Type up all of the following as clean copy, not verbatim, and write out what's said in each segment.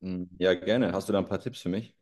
Mm, ja, gerne. Hast du da ein paar Tipps für mich?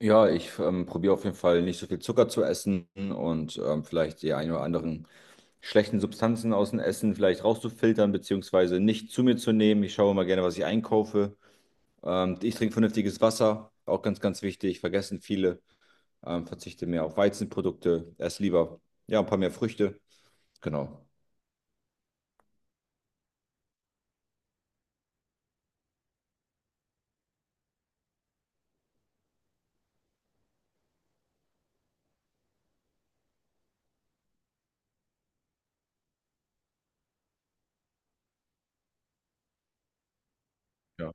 Ja, ich probiere auf jeden Fall nicht so viel Zucker zu essen und vielleicht die ein oder anderen schlechten Substanzen aus dem Essen vielleicht rauszufiltern, beziehungsweise nicht zu mir zu nehmen. Ich schaue immer gerne, was ich einkaufe. Ich trinke vernünftiges Wasser, auch ganz, ganz wichtig, vergessen viele. Verzichte mehr auf Weizenprodukte, esse lieber ja, ein paar mehr Früchte. Genau. Ja.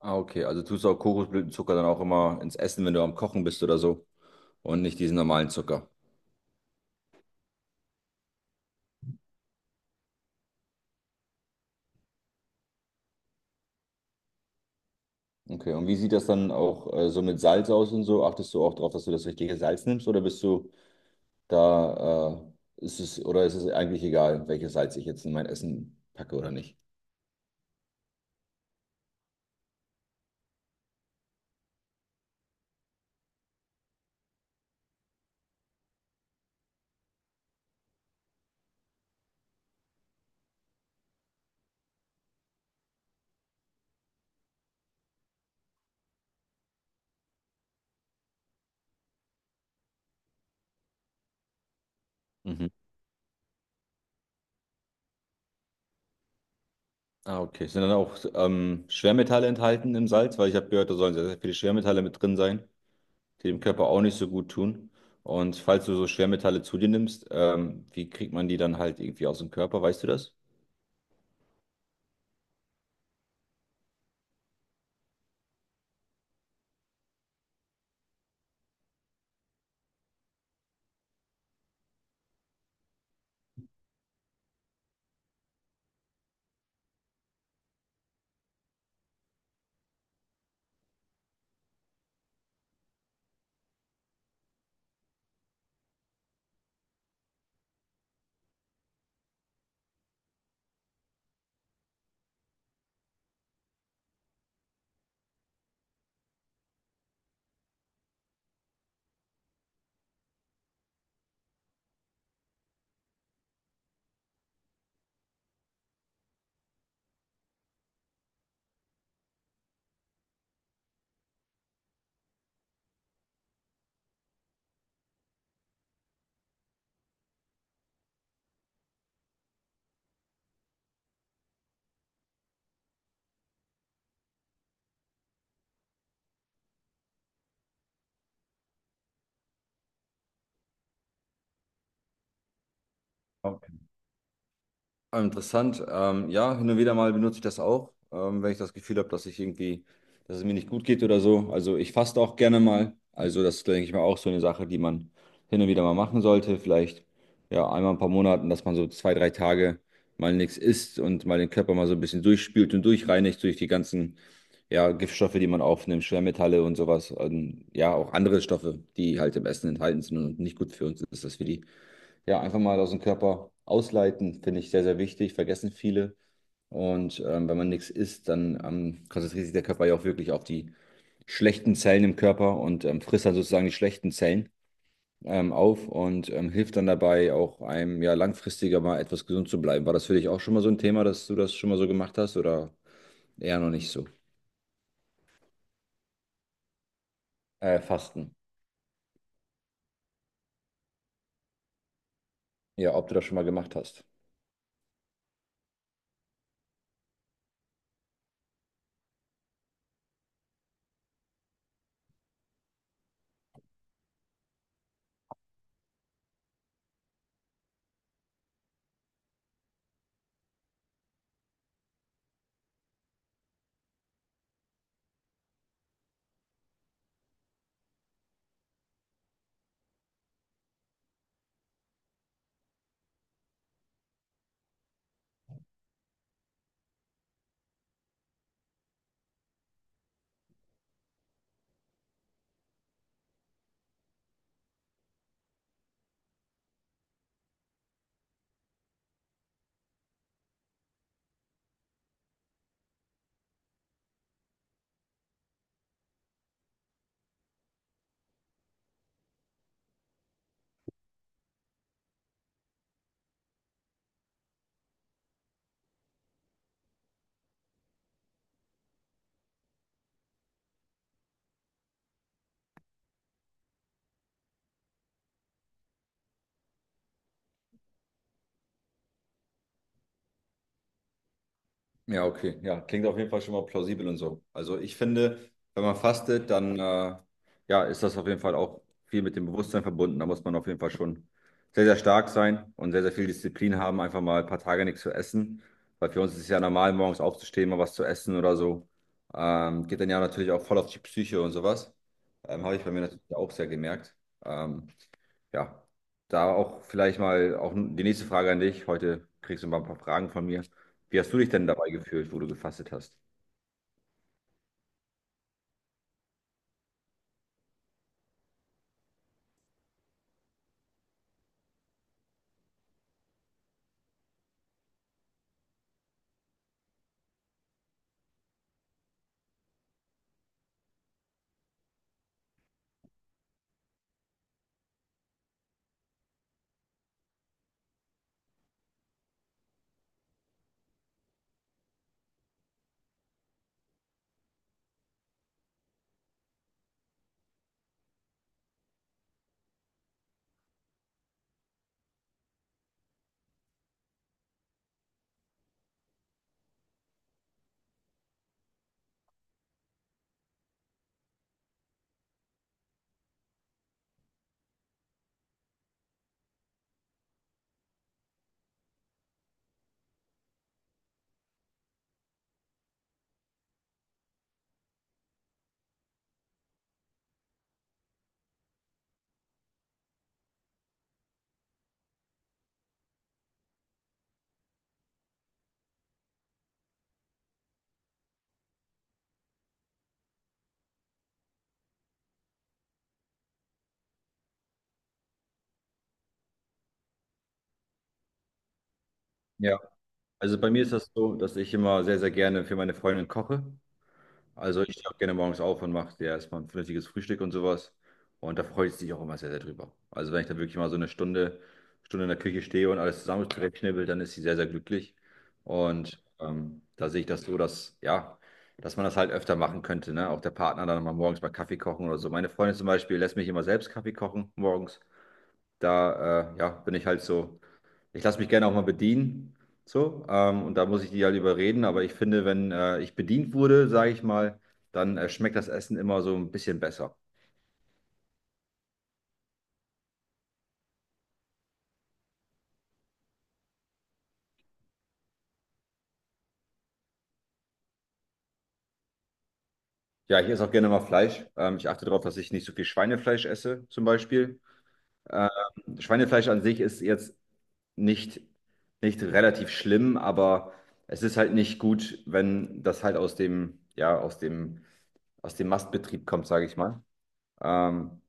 Ah, okay. Also tust du auch Kokosblütenzucker dann auch immer ins Essen, wenn du am Kochen bist oder so, und nicht diesen normalen Zucker. Okay, und wie sieht das dann auch so mit Salz aus und so? Achtest du auch darauf, dass du das richtige Salz nimmst, oder bist du da, ist es, oder ist es eigentlich egal, welches Salz ich jetzt in mein Essen packe oder nicht? Mhm. Ah, okay. Sind dann auch Schwermetalle enthalten im Salz? Weil ich habe gehört, da sollen sehr, sehr viele Schwermetalle mit drin sein, die dem Körper auch nicht so gut tun. Und falls du so Schwermetalle zu dir nimmst, wie kriegt man die dann halt irgendwie aus dem Körper? Weißt du das? Ah, interessant. Ja, hin und wieder mal benutze ich das auch, wenn ich das Gefühl habe, dass ich irgendwie, dass es mir nicht gut geht oder so. Also ich faste auch gerne mal. Also das ist, denke ich mal, auch so eine Sache, die man hin und wieder mal machen sollte. Vielleicht ja einmal in ein paar Monaten, dass man so zwei, drei Tage mal nichts isst und mal den Körper mal so ein bisschen durchspült und durchreinigt durch die ganzen ja, Giftstoffe, die man aufnimmt, Schwermetalle und sowas. Und ja, auch andere Stoffe, die halt im Essen enthalten sind und nicht gut für uns ist, dass wir die ja, einfach mal aus dem Körper ausleiten, finde ich sehr, sehr wichtig, vergessen viele. Und wenn man nichts isst, dann konzentriert sich der Körper ja auch wirklich auf die schlechten Zellen im Körper und frisst dann sozusagen die schlechten Zellen auf und hilft dann dabei auch einem ja langfristiger mal etwas gesund zu bleiben. War das für dich auch schon mal so ein Thema, dass du das schon mal so gemacht hast, oder eher noch nicht so? Fasten. Ja, ob du das schon mal gemacht hast. Ja, okay. Ja, klingt auf jeden Fall schon mal plausibel und so. Also ich finde, wenn man fastet, dann ja, ist das auf jeden Fall auch viel mit dem Bewusstsein verbunden. Da muss man auf jeden Fall schon sehr, sehr stark sein und sehr, sehr viel Disziplin haben, einfach mal ein paar Tage nichts zu essen. Weil für uns ist es ja normal, morgens aufzustehen, mal was zu essen oder so. Geht dann ja natürlich auch voll auf die Psyche und sowas. Habe ich bei mir natürlich auch sehr gemerkt. Ähm, ja, da auch vielleicht mal auch die nächste Frage an dich. Heute kriegst du mal ein paar Fragen von mir. Wie hast du dich denn dabei gefühlt, wo du gefastet hast? Ja, also bei mir ist das so, dass ich immer sehr, sehr gerne für meine Freundin koche. Also ich stehe auch gerne morgens auf und mache dir erstmal ein vernünftiges Frühstück und sowas. Und da freue ich mich auch immer sehr, sehr drüber. Also wenn ich da wirklich mal so eine Stunde, Stunde in der Küche stehe und alles zusammen zurechtschnibbel, dann ist sie sehr, sehr glücklich. Und da sehe ich das so, dass, ja, dass man das halt öfter machen könnte, ne? Auch der Partner dann mal morgens mal Kaffee kochen oder so. Meine Freundin zum Beispiel lässt mich immer selbst Kaffee kochen morgens. Da, ja, bin ich halt so, ich lasse mich gerne auch mal bedienen. So, und da muss ich die halt überreden. Aber ich finde, wenn ich bedient wurde, sage ich mal, dann schmeckt das Essen immer so ein bisschen besser. Ja, ich esse auch gerne mal Fleisch. Ich achte darauf, dass ich nicht so viel Schweinefleisch esse, zum Beispiel. Ähm, Schweinefleisch an sich ist jetzt nicht, nicht relativ schlimm, aber es ist halt nicht gut, wenn das halt aus dem, ja, aus dem Mastbetrieb kommt, sage ich mal. Ähm,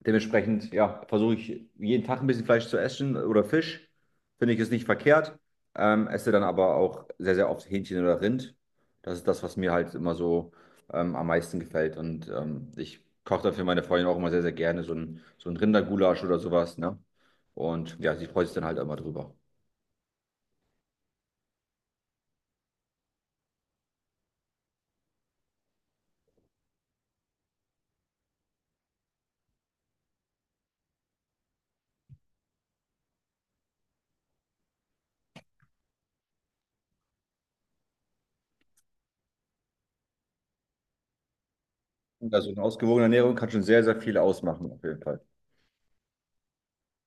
Dementsprechend, ja, versuche ich jeden Tag ein bisschen Fleisch zu essen oder Fisch. Finde ich es nicht verkehrt. Esse dann aber auch sehr, sehr oft Hähnchen oder Rind. Das ist das, was mir halt immer so am meisten gefällt. Und ich koche dann für meine Freundin auch immer sehr, sehr gerne so ein Rindergulasch oder sowas, ne? Und ja, sie freut sich dann halt immer drüber. Also eine ausgewogene Ernährung kann schon sehr, sehr viel ausmachen, auf jeden Fall.